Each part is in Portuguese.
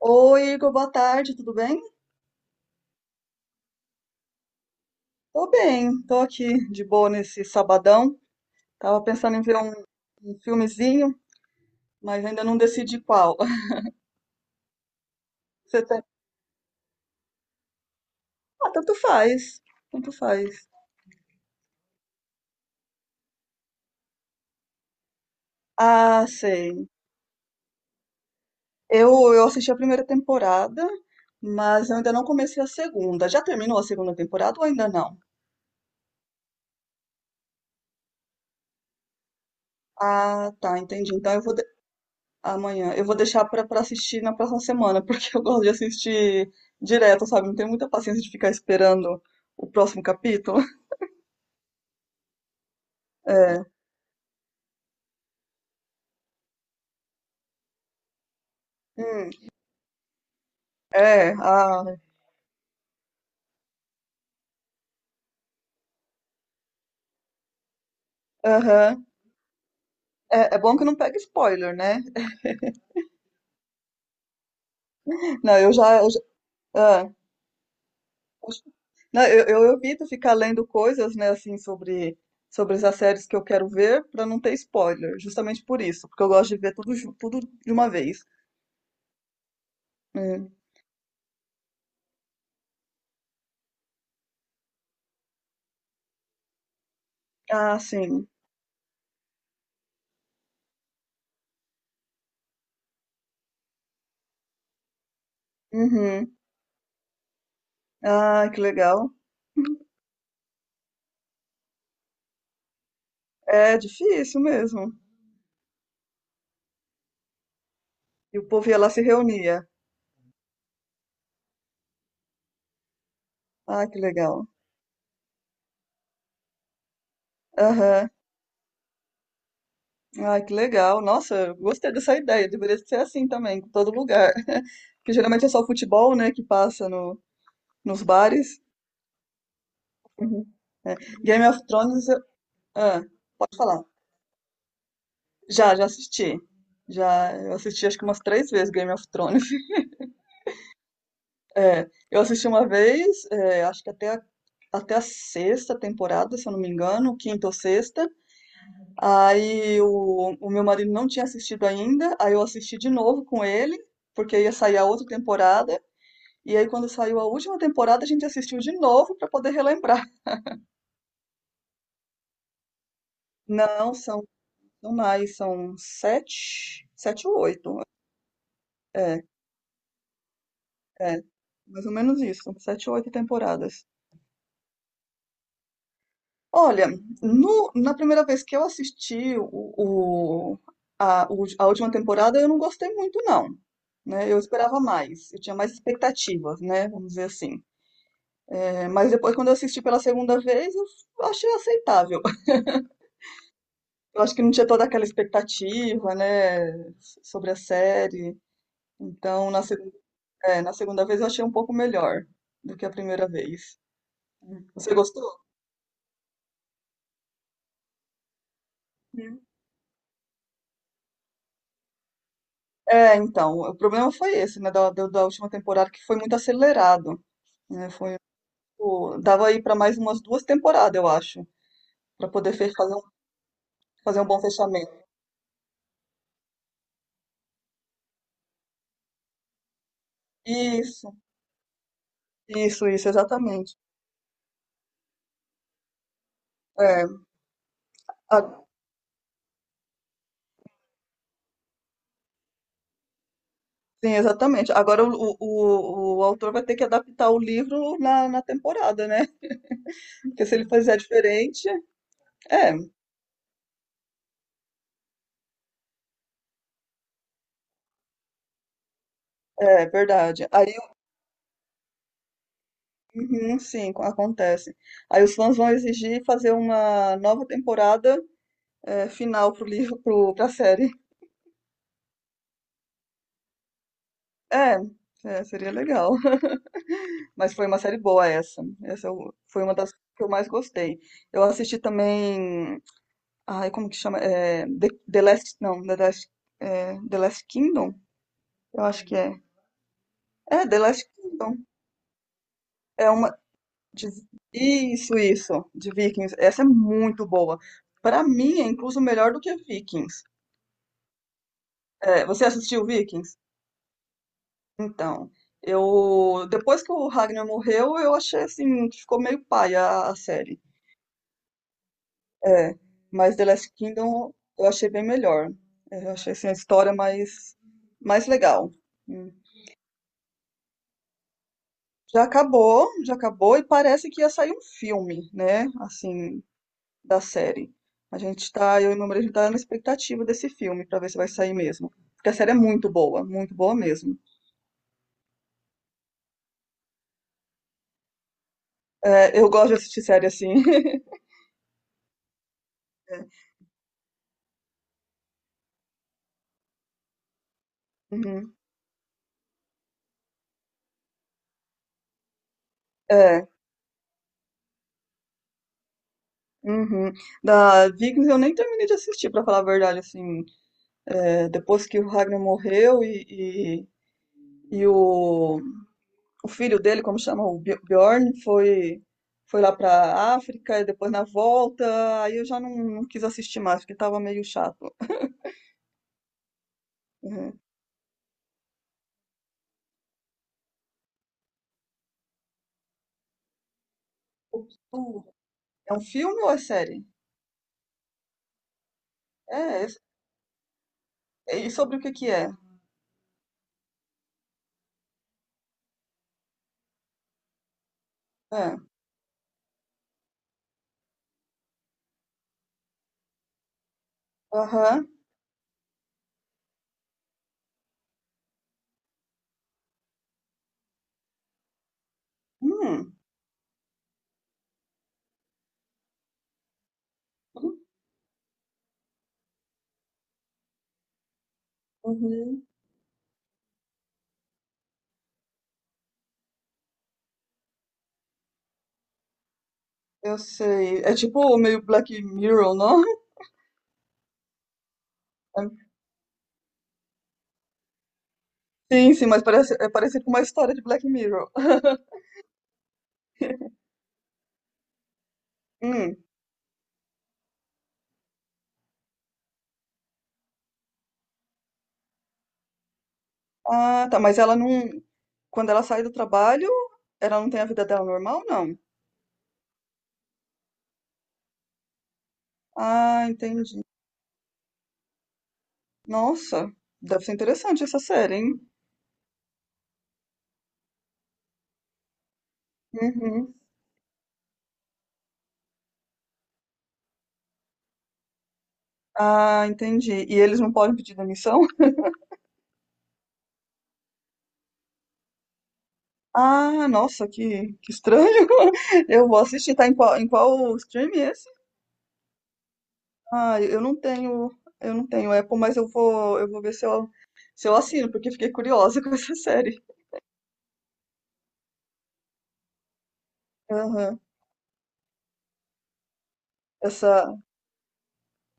Oi, Igor, boa tarde, tudo bem? Tô bem, tô aqui de boa nesse sabadão. Tava pensando em ver um filmezinho, mas ainda não decidi qual. Você tá... Ah, tanto faz, tanto faz. Ah, sei. Eu assisti a primeira temporada, mas eu ainda não comecei a segunda. Já terminou a segunda temporada ou ainda não? Ah, tá, entendi. Então amanhã. Eu vou deixar pra assistir na próxima semana, porque eu gosto de assistir direto, sabe? Não tenho muita paciência de ficar esperando o próximo capítulo. É, hum, é, ah, aham. É, é bom que não pega spoiler, né? Não, eu já- ah, poxa. Não, eu evito ficar lendo coisas, né, assim, sobre, sobre essas séries que eu quero ver pra não ter spoiler, justamente por isso, porque eu gosto de ver tudo, tudo de uma vez. Hum. Ah, sim. Uhum. Ah, que legal. É difícil mesmo. E o povo ia lá se reunia. Ah, que legal. Aham. Ai, que legal. Nossa, eu gostei dessa ideia. Deveria ser assim também, em todo lugar. Porque geralmente é só futebol, né, que passa no, nos bares. Uhum. É. Game of Thrones, eu- ah, Pode falar. Já, já assisti. Já, eu assisti acho que umas três vezes Game of Thrones. É, eu assisti uma vez, é, acho que até a sexta temporada, se eu não me engano, quinta ou sexta. Aí o meu marido não tinha assistido ainda, aí eu assisti de novo com ele, porque ia sair a outra temporada. E aí, quando saiu a última temporada, a gente assistiu de novo para poder relembrar. Não, são mais, são sete, sete ou oito. É, é, mais ou menos isso, são sete ou oito temporadas. Olha, na primeira vez que eu assisti o- a última temporada, eu não gostei muito, não. Né? Eu esperava mais, eu tinha mais expectativas, né? Vamos dizer assim. É, mas depois, quando eu assisti pela segunda vez, eu achei aceitável. Eu acho que não tinha toda aquela expectativa, né, sobre a série. Então, na segunda vez eu achei um pouco melhor do que a primeira vez. Você gostou? Sim. É, então, o problema foi esse, né, da última temporada, que foi muito acelerado, né, foi, tipo, dava aí para mais umas duas temporadas, eu acho, para poder fazer fazer um bom fechamento. Isso, isso, exatamente. É, a- sim, exatamente. Agora o autor vai ter que adaptar o livro na temporada, né? Porque se ele fizer diferente, é, é verdade. Aí, uhum, sim, acontece. Aí os fãs vão exigir fazer uma nova temporada é, final pra série. É, é, seria legal. Mas foi uma série boa essa. Foi uma das que eu mais gostei. Eu assisti também, ai, como que chama? É, The, The Last, não, The Last, é, The Last Kingdom? Eu acho que é. É, The Last Kingdom. É uma De- Isso, isso, de Vikings. Essa é muito boa. Pra mim, é incluso melhor do que Vikings. É, você assistiu Vikings? Então, eu depois que o Ragnar morreu, eu achei assim que ficou meio paia a série. É, mas The Last Kingdom eu achei bem melhor. É, eu achei assim a história mais legal. Hum. Já acabou e parece que ia sair um filme, né? Assim, da série. A gente tá, eu e meu marido, a gente tá na expectativa desse filme pra ver se vai sair mesmo. Porque a série é muito boa mesmo. É, eu gosto de assistir série assim. É, uhum. É. Uhum. Da Vikings eu nem terminei de assistir, pra falar a verdade, assim, é, depois que o Ragnar morreu e o filho dele, como chama, o Bjorn, foi lá pra África e depois na volta, aí eu já não quis assistir mais, porque tava meio chato. Uhum. É um filme ou é série? É, é- É, e sobre o que que é? É. Aham. Hum. Uhum. Eu sei. É tipo meio Black Mirror, não? Sim, sim, mas parece, é parecido com uma história de Black Mirror. Hum. Ah, tá, mas ela não. Quando ela sai do trabalho, ela não tem a vida dela normal, não? Ah, entendi. Nossa, deve ser interessante essa série, hein? Uhum. Ah, entendi. E eles não podem pedir demissão? Ah, nossa, que estranho. Eu vou assistir, tá em qual stream esse? Ah, eu não tenho Apple, mas eu vou ver se eu assino, porque fiquei curiosa com essa série. Aham. Essa,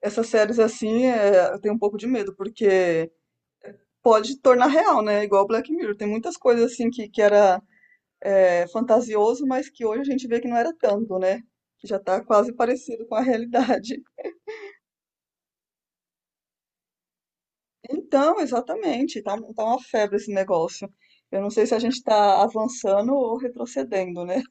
Essas séries assim, é, eu tenho um pouco de medo, porque pode tornar real, né? Igual Black Mirror. Tem muitas coisas assim que era é, fantasioso, mas que hoje a gente vê que não era tanto, né? Que já tá quase parecido com a realidade. Então, exatamente, tá, tá uma febre esse negócio. Eu não sei se a gente tá avançando ou retrocedendo, né?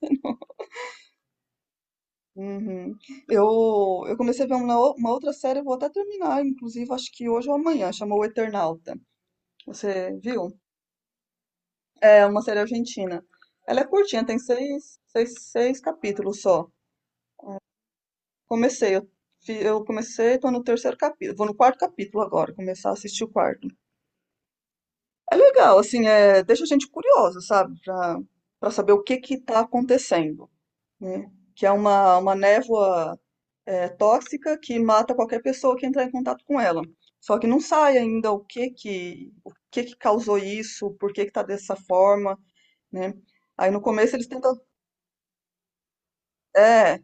Uhum. Eu comecei a ver uma, uma outra série, eu vou até terminar, inclusive, acho que hoje ou amanhã, chamou O Eternauta. Você viu? É uma série argentina. Ela é curtinha, tem seis capítulos só. Comecei, eu comecei, tô no terceiro capítulo, vou no quarto capítulo agora, começar a assistir o quarto. É legal, assim, é, deixa a gente curiosa, sabe? Pra saber o que que tá acontecendo, né? Que é uma névoa é, tóxica que mata qualquer pessoa que entrar em contato com ela. Só que não sai ainda o que que causou isso, por que que tá dessa forma, né? Aí no começo eles tentam, é,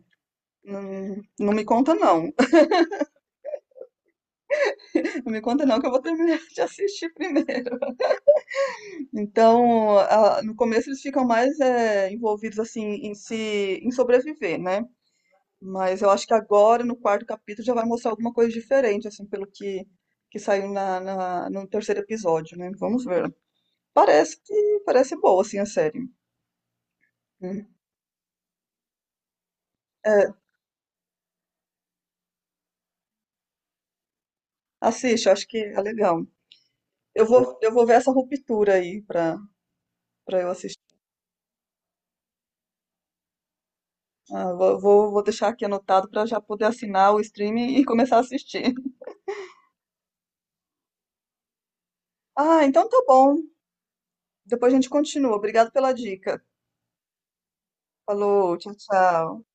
não me conta não, não me conta não que eu vou terminar de assistir primeiro. Então, no começo eles ficam mais é, envolvidos assim em se, em sobreviver, né? Mas eu acho que agora, no quarto capítulo, já vai mostrar alguma coisa diferente, assim, pelo que saiu no terceiro episódio, né? Vamos ver. Parece que parece boa, assim, a série. Né? É, assiste, eu acho que é legal. Eu vou ver essa ruptura pra eu assistir. Ah, vou deixar aqui anotado pra já poder assinar o streaming e começar a assistir. Ah, então tá bom. Depois a gente continua. Obrigado pela dica. Falou, tchau, tchau.